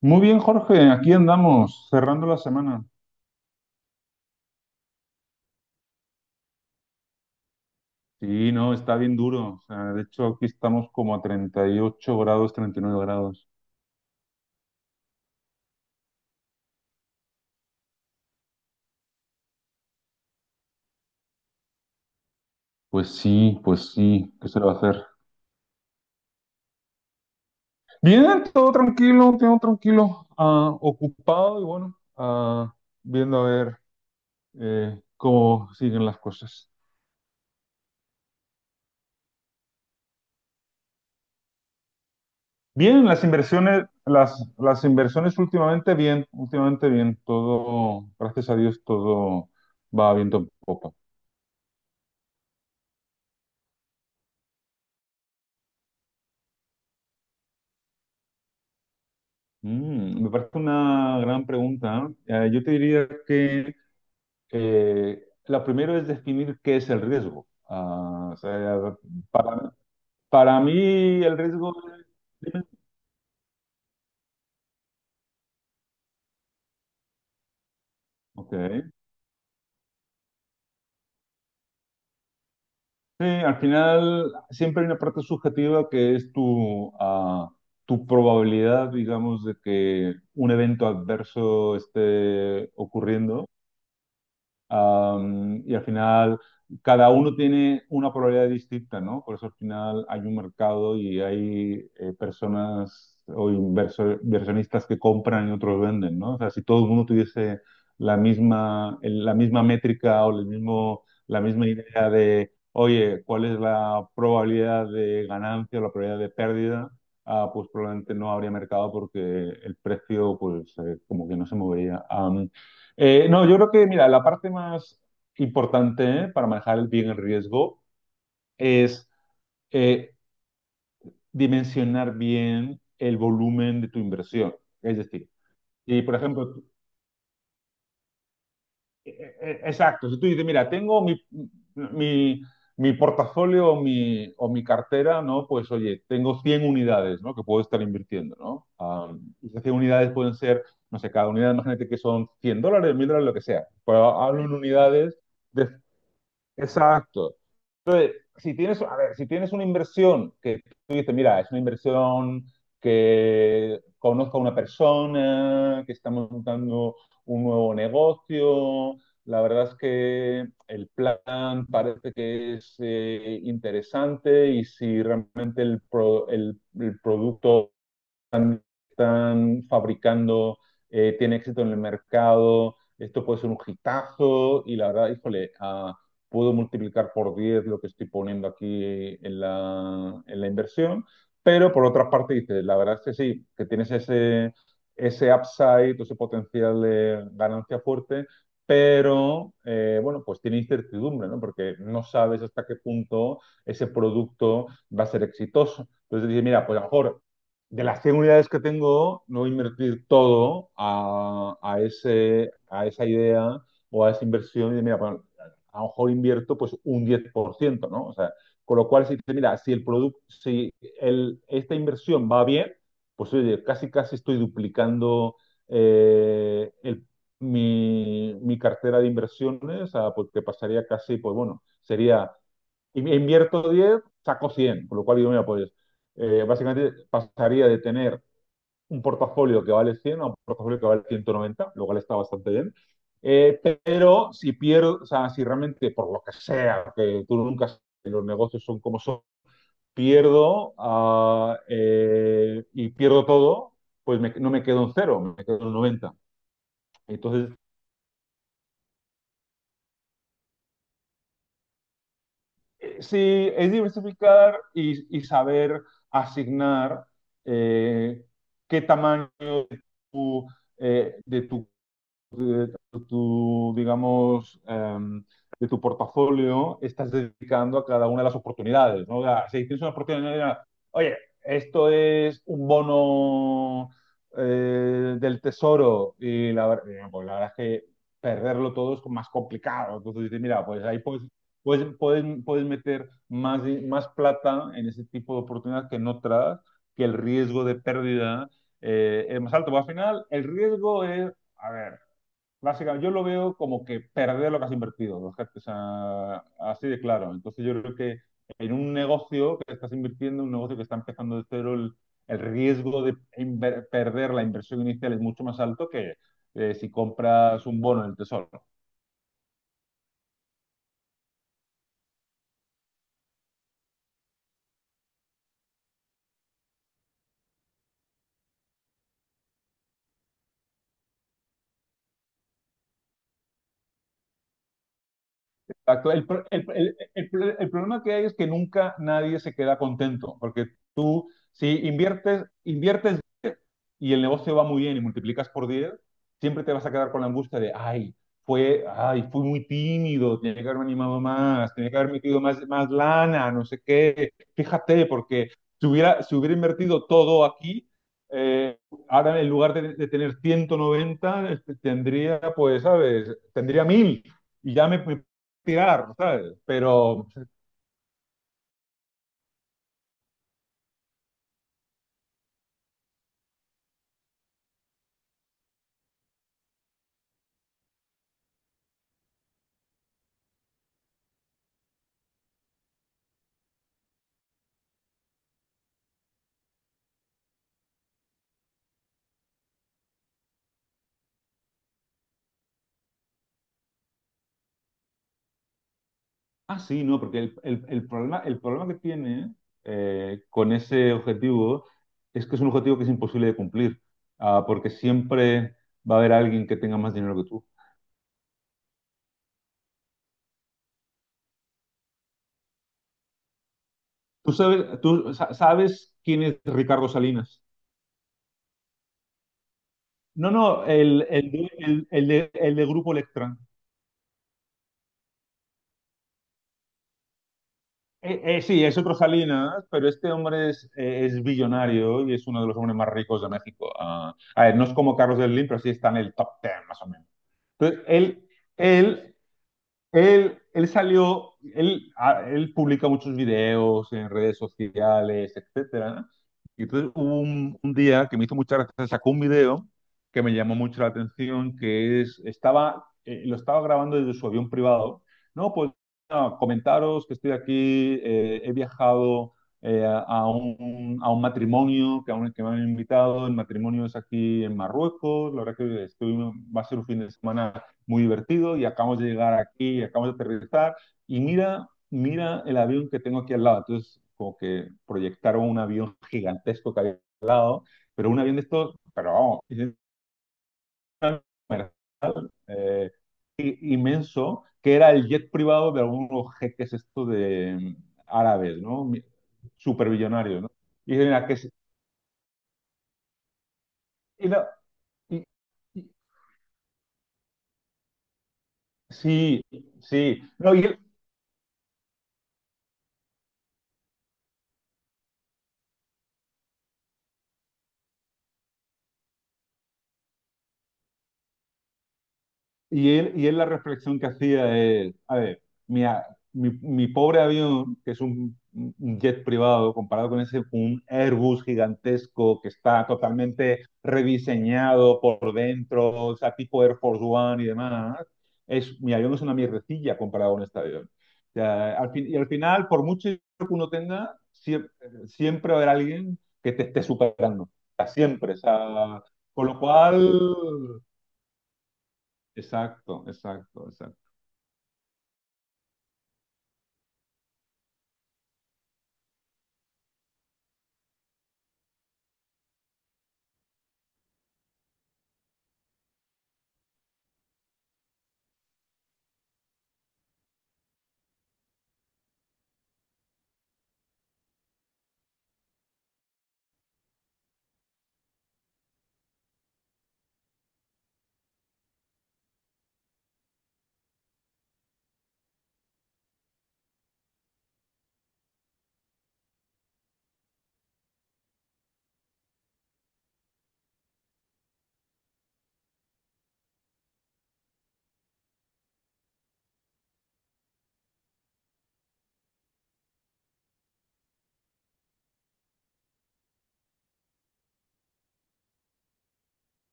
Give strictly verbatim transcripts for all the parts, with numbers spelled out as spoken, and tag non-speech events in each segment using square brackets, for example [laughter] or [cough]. Muy bien, Jorge, aquí andamos, cerrando la semana. Sí, no, está bien duro. O sea, de hecho, aquí estamos como a treinta y ocho grados, treinta y nueve grados. Pues sí, pues sí, ¿qué se le va a hacer? Bien, todo tranquilo, todo tranquilo, ah, ocupado y bueno, ah, viendo a ver eh, cómo siguen las cosas. Bien, las inversiones, las, las inversiones últimamente bien, últimamente bien, todo, gracias a Dios, todo va viento en popa. Mm, me parece una gran pregunta. Eh, Eh, yo te diría que eh, lo primero es definir qué es el riesgo. Ah, o sea, para mí el riesgo es. Dime. Ok. Sí, al final siempre hay una parte subjetiva que es tu, ah, tu probabilidad, digamos, de que un evento adverso esté ocurriendo. Am, y al final, cada uno tiene una probabilidad distinta, ¿no? Por eso al final hay un mercado y hay eh, personas o inverso- inversionistas que compran y otros venden, ¿no? O sea, si todo el mundo tuviese la misma, el- la misma métrica o el mismo, la misma idea de, oye, ¿cuál es la probabilidad de ganancia o la probabilidad de pérdida? ah, pues probablemente no habría mercado porque el precio, pues, eh, como que no se movería. Am, eh, no, yo creo que, mira, la parte más importante, ¿eh?, para manejar el bien el riesgo es, eh, dimensionar bien el volumen de tu inversión. Es decir, si por ejemplo, tú- eh, eh, exacto, si tú dices, mira, tengo mi, mi, mi portafolio o mi, o mi cartera, ¿no? Pues oye, tengo cien unidades, ¿no? Que puedo estar invirtiendo, ¿no? Ah, esas cien unidades pueden ser, no sé, cada unidad, imagínate que son cien dólares, mil dólares, lo que sea. Pero hablo en unidades de. Exacto. Si tienes, a ver, si tienes una inversión que tú dices, mira, es una inversión que conozco a una persona, que estamos montando un nuevo negocio. La verdad es que el plan parece que es, eh, interesante, y si realmente el, pro, el, el producto están fabricando, eh, tiene éxito en el mercado, esto puede ser un hitazo. Y la verdad, híjole, ah, puedo multiplicar por diez lo que estoy poniendo aquí, eh, en la, en la inversión. Pero por otra parte dices, la verdad es que sí, que tienes ese, ese upside, ese potencial de ganancia fuerte, pero, eh, bueno, pues tiene incertidumbre, ¿no? Porque no sabes hasta qué punto ese producto va a ser exitoso. Entonces dices, mira, pues a lo mejor de las cien unidades que tengo, no invertir todo a, a ese, a esa idea o a esa inversión. Y mira, pues, a lo mejor invierto pues un diez por ciento, ¿no? O sea, con lo cual, si, mira, si el producto, si el, esta inversión va bien, pues oye, casi casi estoy duplicando eh, el- mi, mi cartera de inversiones. A, porque pasaría casi, pues bueno, sería in- invierto diez, saco cien, con lo cual yo me apoyo, eh, básicamente pasaría de tener un portafolio que vale cien a un portafolio que vale ciento noventa, lo cual está bastante bien. Eh, pero si pierdo, o sea, si realmente por lo que sea, que tú nunca sabes, los negocios son como son, pierdo, ah, eh, y pierdo todo, pues me- no me quedo en cero, me quedo en noventa. Entonces, Eh, Sí, es diversificar y, y saber asignar, eh, qué tamaño de tu, tu, digamos, eh, de tu portafolio estás dedicando a cada una de las oportunidades, ¿no? O sea, si tienes una oportunidad, oye, esto es un bono, eh, del tesoro, y la, ver- eh, pues la verdad es que perderlo todo es más complicado. Entonces dices, mira, pues ahí puedes, puedes, puedes, puedes meter más, di- más plata en ese tipo de oportunidades que en otras, que el riesgo de pérdida, eh, es más alto. Pero al final, el riesgo es, a ver, básicamente, yo lo veo como que perder lo que has invertido, o sea, así de claro. Entonces yo creo que en un negocio que estás invirtiendo, un negocio que está empezando de cero, el, el riesgo de inver- perder la inversión inicial es mucho más alto que, eh, si compras un bono en el tesoro. Exacto. El, pro- el- el- el- el problema que hay es que nunca nadie se queda contento, porque si inviertes, inviertes y el negocio va muy bien y multiplicas por diez, siempre te vas a quedar con la angustia de, ay, fue, ay, fui muy tímido, tenía que haberme animado más, tenía que haber metido más, más lana, no sé qué. Fíjate, porque si hubiera, si hubiera invertido todo aquí, eh, ahora en lugar de, de tener ciento noventa, este, tendría, pues, ¿sabes? Tendría mil. Y ya me, me tirar, ¿sabes? Pero, Ah, sí, no, porque el, el- el problema, el problema que tiene, eh, con ese objetivo, es que es un objetivo que es imposible de cumplir, ah, porque siempre va a haber alguien que tenga más dinero que tú. ¿Tú sabes, tú sa- sabes quién es Ricardo Salinas? No, no, el, el, de- el, el de, el de Grupo Electra. Eh, eh, sí, es otro Salinas, pero este hombre es, eh, es billonario y es uno de los hombres más ricos de México. Ah, a ver, no es como Carlos Slim, pero sí está en el top diez, más o menos. Entonces, él, él Él, él salió, él, a- él publica muchos videos en redes sociales, etcétera, ¿no? Y entonces hubo un, un día que me hizo mucha gracia, sacó un video que me llamó mucho la atención, que es, estaba, eh, lo estaba grabando desde su avión privado. No, pues no, comentaros que estoy aquí, eh, he viajado, eh, a un, a un matrimonio que, aún que me han invitado, el matrimonio es aquí en Marruecos, la verdad que estoy, va a ser un fin de semana muy divertido y acabamos de llegar aquí, y acabamos de aterrizar, y mira, mira el avión que tengo aquí al lado. Entonces, como que proyectaron un avión [laughs] gigantesco que había al lado, pero un avión de estos, pero vamos, es una- cámara, eh, inmenso, que era el jet privado de algunos jeques estos de mm, árabes, ¿no? Mi- Superbillonarios, ¿no? Y dije, mira, que es- y la- y- y- sí, sí. No, y, Y él, y él la reflexión que hacía es, a ver, mi, a- mi, mi pobre avión, que es un, un jet privado, comparado con ese, un Airbus gigantesco que está totalmente rediseñado por dentro, o sea, tipo Air Force One y demás. Es, mi avión es una mierdecilla comparado con este avión. O sea, al fin- y al final, por mucho que uno tenga, siempre, siempre va a haber alguien que te esté superando. O sea, siempre. O sea, con lo cual. Exacto, exacto, exacto.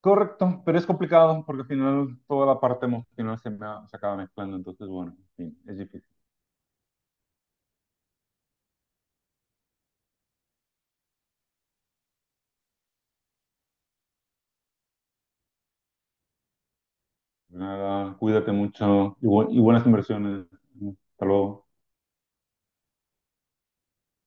Correcto, pero es complicado porque al final toda la parte emocional se, me ha- se acaba mezclando. Entonces bueno, en fin, es difícil. Nada, cuídate mucho y, bu- y buenas inversiones. Hasta luego.